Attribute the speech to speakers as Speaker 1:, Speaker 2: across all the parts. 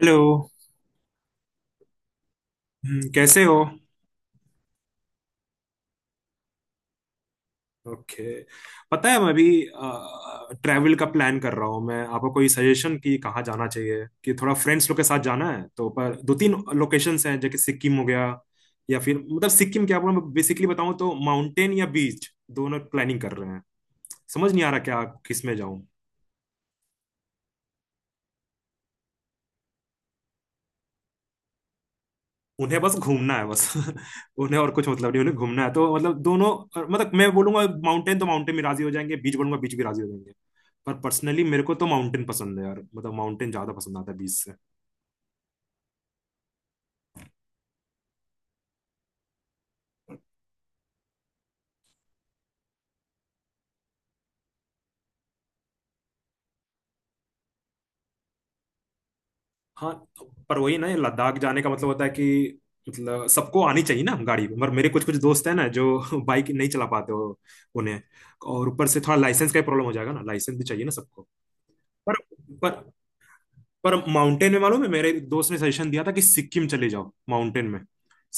Speaker 1: Hello. कैसे हो? Okay. पता है मैं अभी ट्रैवल का प्लान कर रहा हूँ। मैं आपको कोई सजेशन कि कहाँ जाना चाहिए कि थोड़ा फ्रेंड्स लोग के साथ जाना है तो पर दो तीन लोकेशंस हैं, जैसे सिक्किम हो गया या फिर मतलब सिक्किम क्या बोलूं, मैं बेसिकली बताऊँ तो माउंटेन या बीच, दोनों प्लानिंग कर रहे हैं। समझ नहीं आ रहा क्या किस में जाऊँ। उन्हें बस घूमना है बस उन्हें और कुछ मतलब नहीं, उन्हें घूमना है तो मतलब दोनों। मतलब मैं बोलूंगा माउंटेन तो माउंटेन भी राजी हो जाएंगे, बीच बोलूंगा बीच भी राजी हो जाएंगे। पर पर्सनली मेरे को तो माउंटेन पसंद है यार, मतलब माउंटेन ज्यादा पसंद आता है बीच से। हाँ, पर वही ना ये लद्दाख जाने का मतलब होता है कि मतलब सबको आनी चाहिए ना गाड़ी, पर मेरे कुछ कुछ दोस्त हैं ना जो बाइक नहीं चला पाते हो उन्हें। और ऊपर से थोड़ा लाइसेंस का प्रॉब्लम हो जाएगा ना, लाइसेंस भी चाहिए ना सबको। पर पर पर माउंटेन में मालूम है मेरे एक दोस्त ने सजेशन दिया था कि सिक्किम चले जाओ माउंटेन में।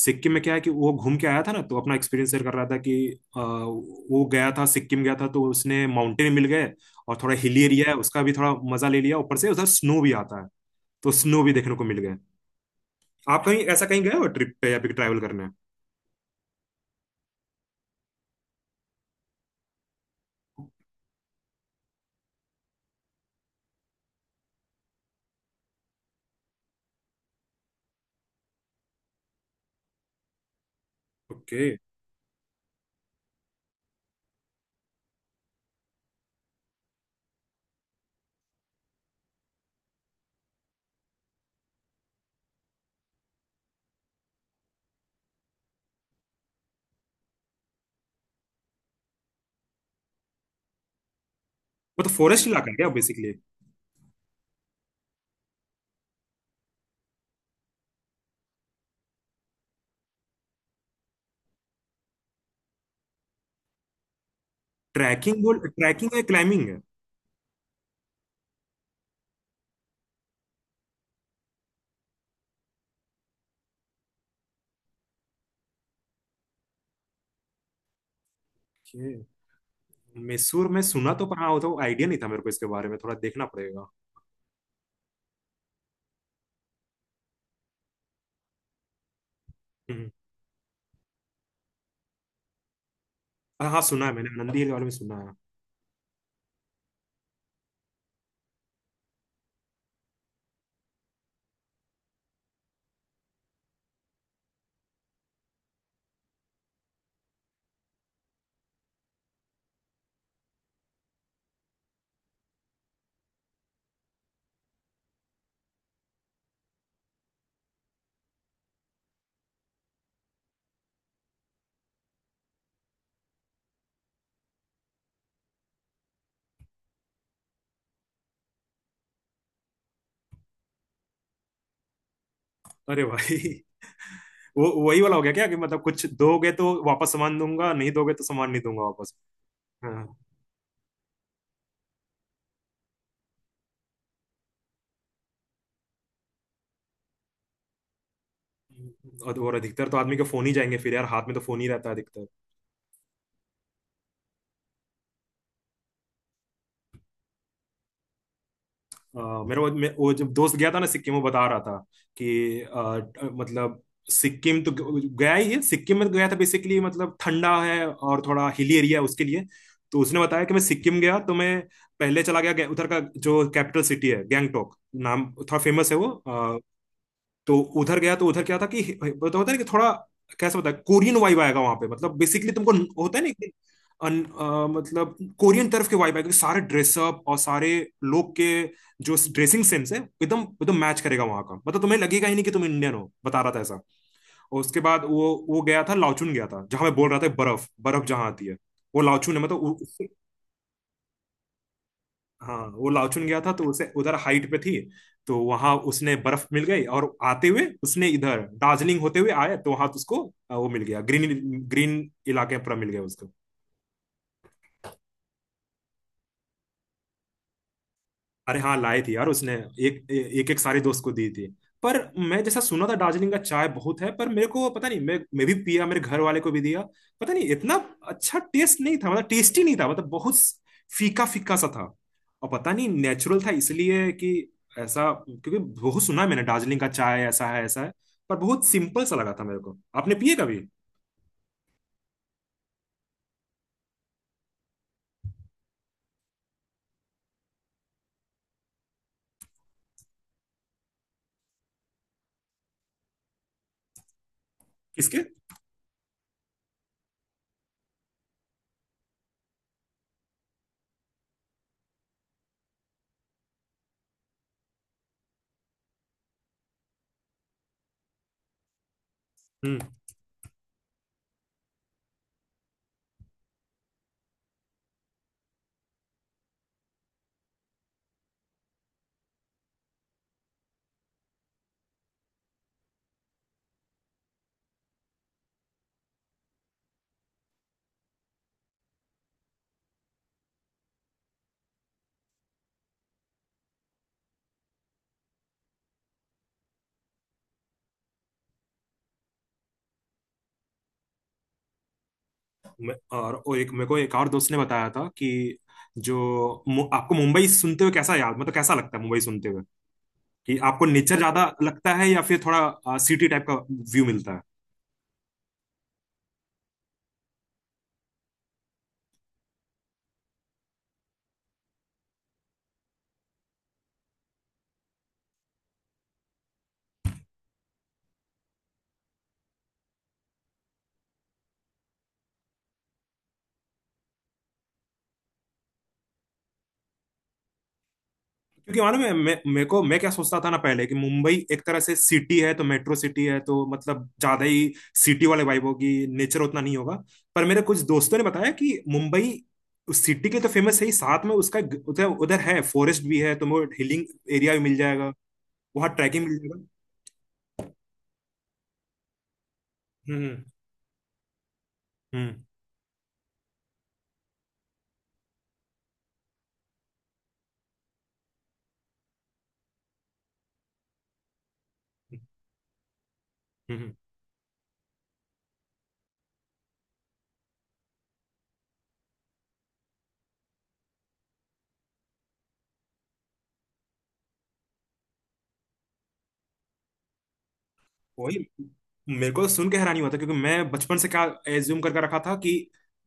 Speaker 1: सिक्किम में क्या है कि वो घूम के आया था ना तो अपना एक्सपीरियंस शेयर कर रहा था कि वो गया था, सिक्किम गया था तो उसने माउंटेन मिल गए और थोड़ा हिली एरिया है उसका भी थोड़ा मजा ले लिया, ऊपर से उधर स्नो भी आता है तो स्नो भी देखने को मिल गए। आप कहीं ऐसा कहीं गए हो ट्रिप पे या फिर ट्रैवल करने? ओके। वो तो फॉरेस्ट इलाका है क्या बेसिकली? ट्रैकिंग बोल ट्रैकिंग है, क्लाइंबिंग है? ओके। मैसूर में सुना तो, पर हाँ वो तो आइडिया नहीं था मेरे को, इसके बारे में थोड़ा देखना पड़ेगा। हाँ हाँ, सुना है मैंने नंदी हिल वाले में सुना है। अरे भाई वो वही वाला हो गया क्या कि मतलब कुछ दोगे तो वापस सामान दूंगा, नहीं दोगे तो सामान नहीं दूंगा वापस? हाँ। और तो और अधिकतर तो आदमी के फोन ही जाएंगे फिर यार, हाथ में तो फोन ही रहता है अधिकतर। मेरा वो वो जब दोस्त गया था ना सिक्किम वो बता रहा था कि मतलब सिक्किम तो गया ही है, सिक्किम में तो गया था बेसिकली, मतलब ठंडा है और थोड़ा हिली एरिया है उसके लिए। तो उसने बताया कि मैं सिक्किम गया तो मैं पहले चला गया उधर का जो कैपिटल सिटी है गैंगटोक, नाम थोड़ा फेमस है वो। तो उधर गया तो उधर क्या था कि वो तो होता है ना कि थोड़ा कैसे बताए, कोरियन वाइब आएगा वहां पे, मतलब बेसिकली तुमको होता है ना कि मतलब कोरियन तरफ के वाइब आएगा कि सारे ड्रेसअप और सारे लोग के जो ड्रेसिंग सेंस है एकदम एकदम मैच करेगा वहां का, मतलब तुम्हें लगेगा ही नहीं कि तुम इंडियन हो, बता रहा था ऐसा। और उसके बाद वो गया था, लाओचून गया था, जहां मैं बोल रहा था बर्फ बर्फ जहां आती है वो लाओचून है, हाँ वो लाओचुन गया था तो उसे उधर हाइट पे थी तो वहां उसने बर्फ मिल गई। और आते हुए उसने इधर दार्जिलिंग होते हुए आया तो वहां उसको वो मिल गया ग्रीन, ग्रीन इलाके पर मिल गया उसको। अरे हाँ लाए थे यार उसने, एक एक एक सारे दोस्त को दी थी। पर मैं जैसा सुना था दार्जिलिंग का चाय बहुत है, पर मेरे को पता नहीं, मैं भी पिया, मेरे घर वाले को भी दिया, पता नहीं इतना अच्छा टेस्ट नहीं था, मतलब टेस्टी नहीं था, मतलब बहुत फीका फीका सा था। और पता नहीं नेचुरल था इसलिए कि ऐसा, क्योंकि बहुत सुना है मैंने दार्जिलिंग का चाय ऐसा है ऐसा है, पर बहुत सिंपल सा लगा था मेरे को। आपने पिए कभी? किसके? और वो एक मेरे को एक और दोस्त ने बताया था कि जो आपको मुंबई सुनते हुए कैसा याद, मतलब कैसा लगता है मुंबई सुनते हुए कि आपको नेचर ज्यादा लगता है या फिर थोड़ा सिटी टाइप का व्यू मिलता है? क्योंकि मालूम है मैं मेरे को, मैं क्या सोचता था ना पहले कि मुंबई एक तरह से सिटी है तो मेट्रो सिटी है तो मतलब ज्यादा ही सिटी वाले वाइब होगी, नेचर उतना नहीं होगा। पर मेरे कुछ दोस्तों ने बताया कि मुंबई उस सिटी के तो फेमस है ही, साथ में उसका उधर उधर है, फॉरेस्ट भी है, तुम्हें हिलिंग एरिया भी मिल जाएगा, वहाँ ट्रैकिंग मिल जाएगा। हम्म हम्म। हम्म हम्म। वही, मेरे को सुन के हैरानी हुआ था क्योंकि मैं बचपन से क्या एज्यूम करके रखा था कि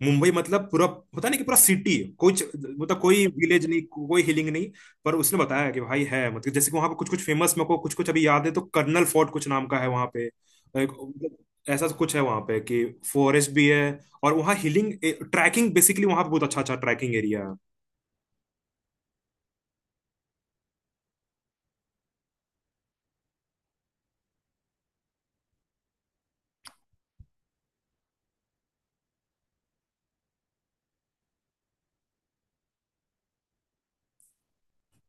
Speaker 1: मुंबई मतलब पूरा, पता नहीं कि पूरा सिटी है कुछ, मतलब कोई विलेज नहीं, कोई हिलिंग नहीं। पर उसने बताया कि भाई है, मतलब जैसे कि वहां पे कुछ कुछ फेमस, मेरे को कुछ कुछ अभी याद है तो कर्नल फोर्ट कुछ नाम का है वहां पे, मतलब ऐसा कुछ है वहां पे कि फॉरेस्ट भी है और वहाँ हिलिंग ट्रैकिंग, बेसिकली वहां पे बहुत अच्छा अच्छा ट्रैकिंग एरिया।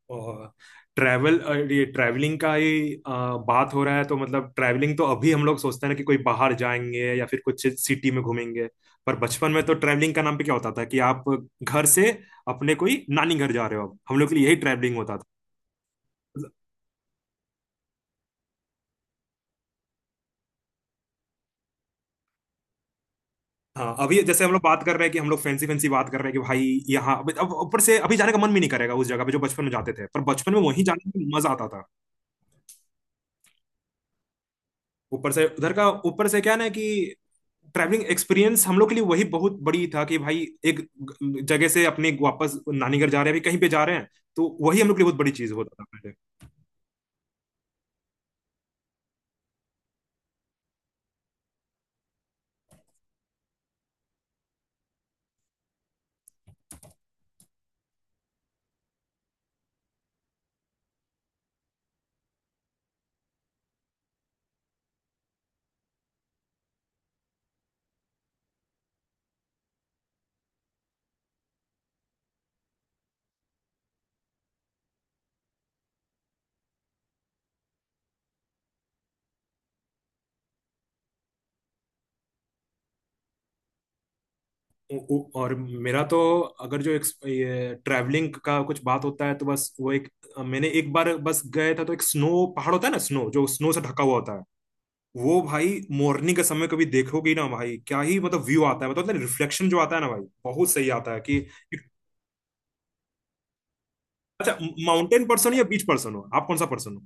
Speaker 1: और ट्रैवल, ये ट्रैवलिंग का ही बात हो रहा है तो मतलब ट्रैवलिंग तो अभी हम लोग सोचते हैं ना कि कोई बाहर जाएंगे या फिर कुछ सिटी में घूमेंगे। पर बचपन में तो ट्रैवलिंग का नाम पे क्या होता था कि आप घर से अपने कोई नानी घर जा रहे हो, अब हम लोग के लिए यही ट्रैवलिंग होता था। हाँ, अभी जैसे हम लोग बात कर रहे हैं कि हम लोग फैंसी फैंसी बात कर रहे हैं कि भाई यहाँ, अब ऊपर से अभी जाने का मन भी नहीं करेगा उस जगह पे जो बचपन में जाते थे, पर बचपन में वहीं जाने में मजा आता था। ऊपर से उधर का, ऊपर से क्या ना कि ट्रैवलिंग एक्सपीरियंस हम लोग के लिए वही बहुत बड़ी था कि भाई एक जगह से अपने वापस नानी घर जा रहे हैं, अभी कहीं पे जा रहे हैं, तो वही हम लोग के लिए बहुत बड़ी चीज होता था पहले। और मेरा तो अगर जो ये ट्रैवलिंग का कुछ बात होता है तो बस वो एक, मैंने एक बार बस गए था तो एक स्नो पहाड़ होता है ना, स्नो जो स्नो से ढका हुआ होता है, वो भाई मॉर्निंग के समय कभी देखोगे ना भाई क्या ही मतलब व्यू आता है, मतलब रिफ्लेक्शन जो आता है ना भाई बहुत सही आता है कि। अच्छा, माउंटेन पर्सन या बीच पर्सन हो आप? कौन सा पर्सन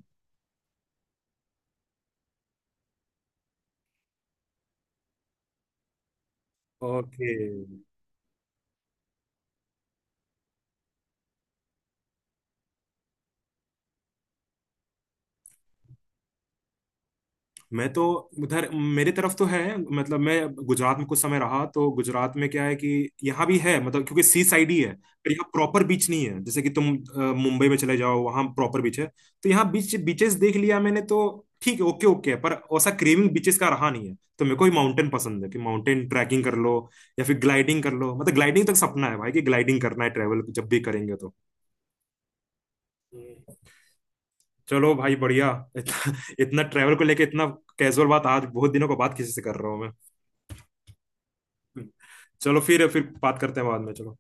Speaker 1: हो? ओके। मैं तो उधर मेरे तरफ तो है, मतलब मैं गुजरात में कुछ समय रहा तो गुजरात में क्या है कि यहाँ भी है, मतलब क्योंकि सी साइड ही है, पर यहाँ प्रॉपर बीच नहीं है जैसे कि तुम मुंबई में चले जाओ वहाँ प्रॉपर बीच है। तो यहाँ बीच बीचेस देख लिया मैंने तो, ठीक है ओके ओके है, पर वैसा क्रेविंग बीचेस का रहा नहीं है तो मेरे को ही माउंटेन पसंद है कि माउंटेन ट्रैकिंग कर लो या फिर ग्लाइडिंग कर लो, मतलब ग्लाइडिंग तक सपना है भाई कि ग्लाइडिंग करना है ट्रेवल जब भी करेंगे तो। चलो भाई बढ़िया। इतना, इतना ट्रैवल को लेके इतना कैजुअल बात आज बहुत दिनों के बाद किसी से कर रहा हूँ मैं। चलो, फिर बात करते हैं बाद में, चलो।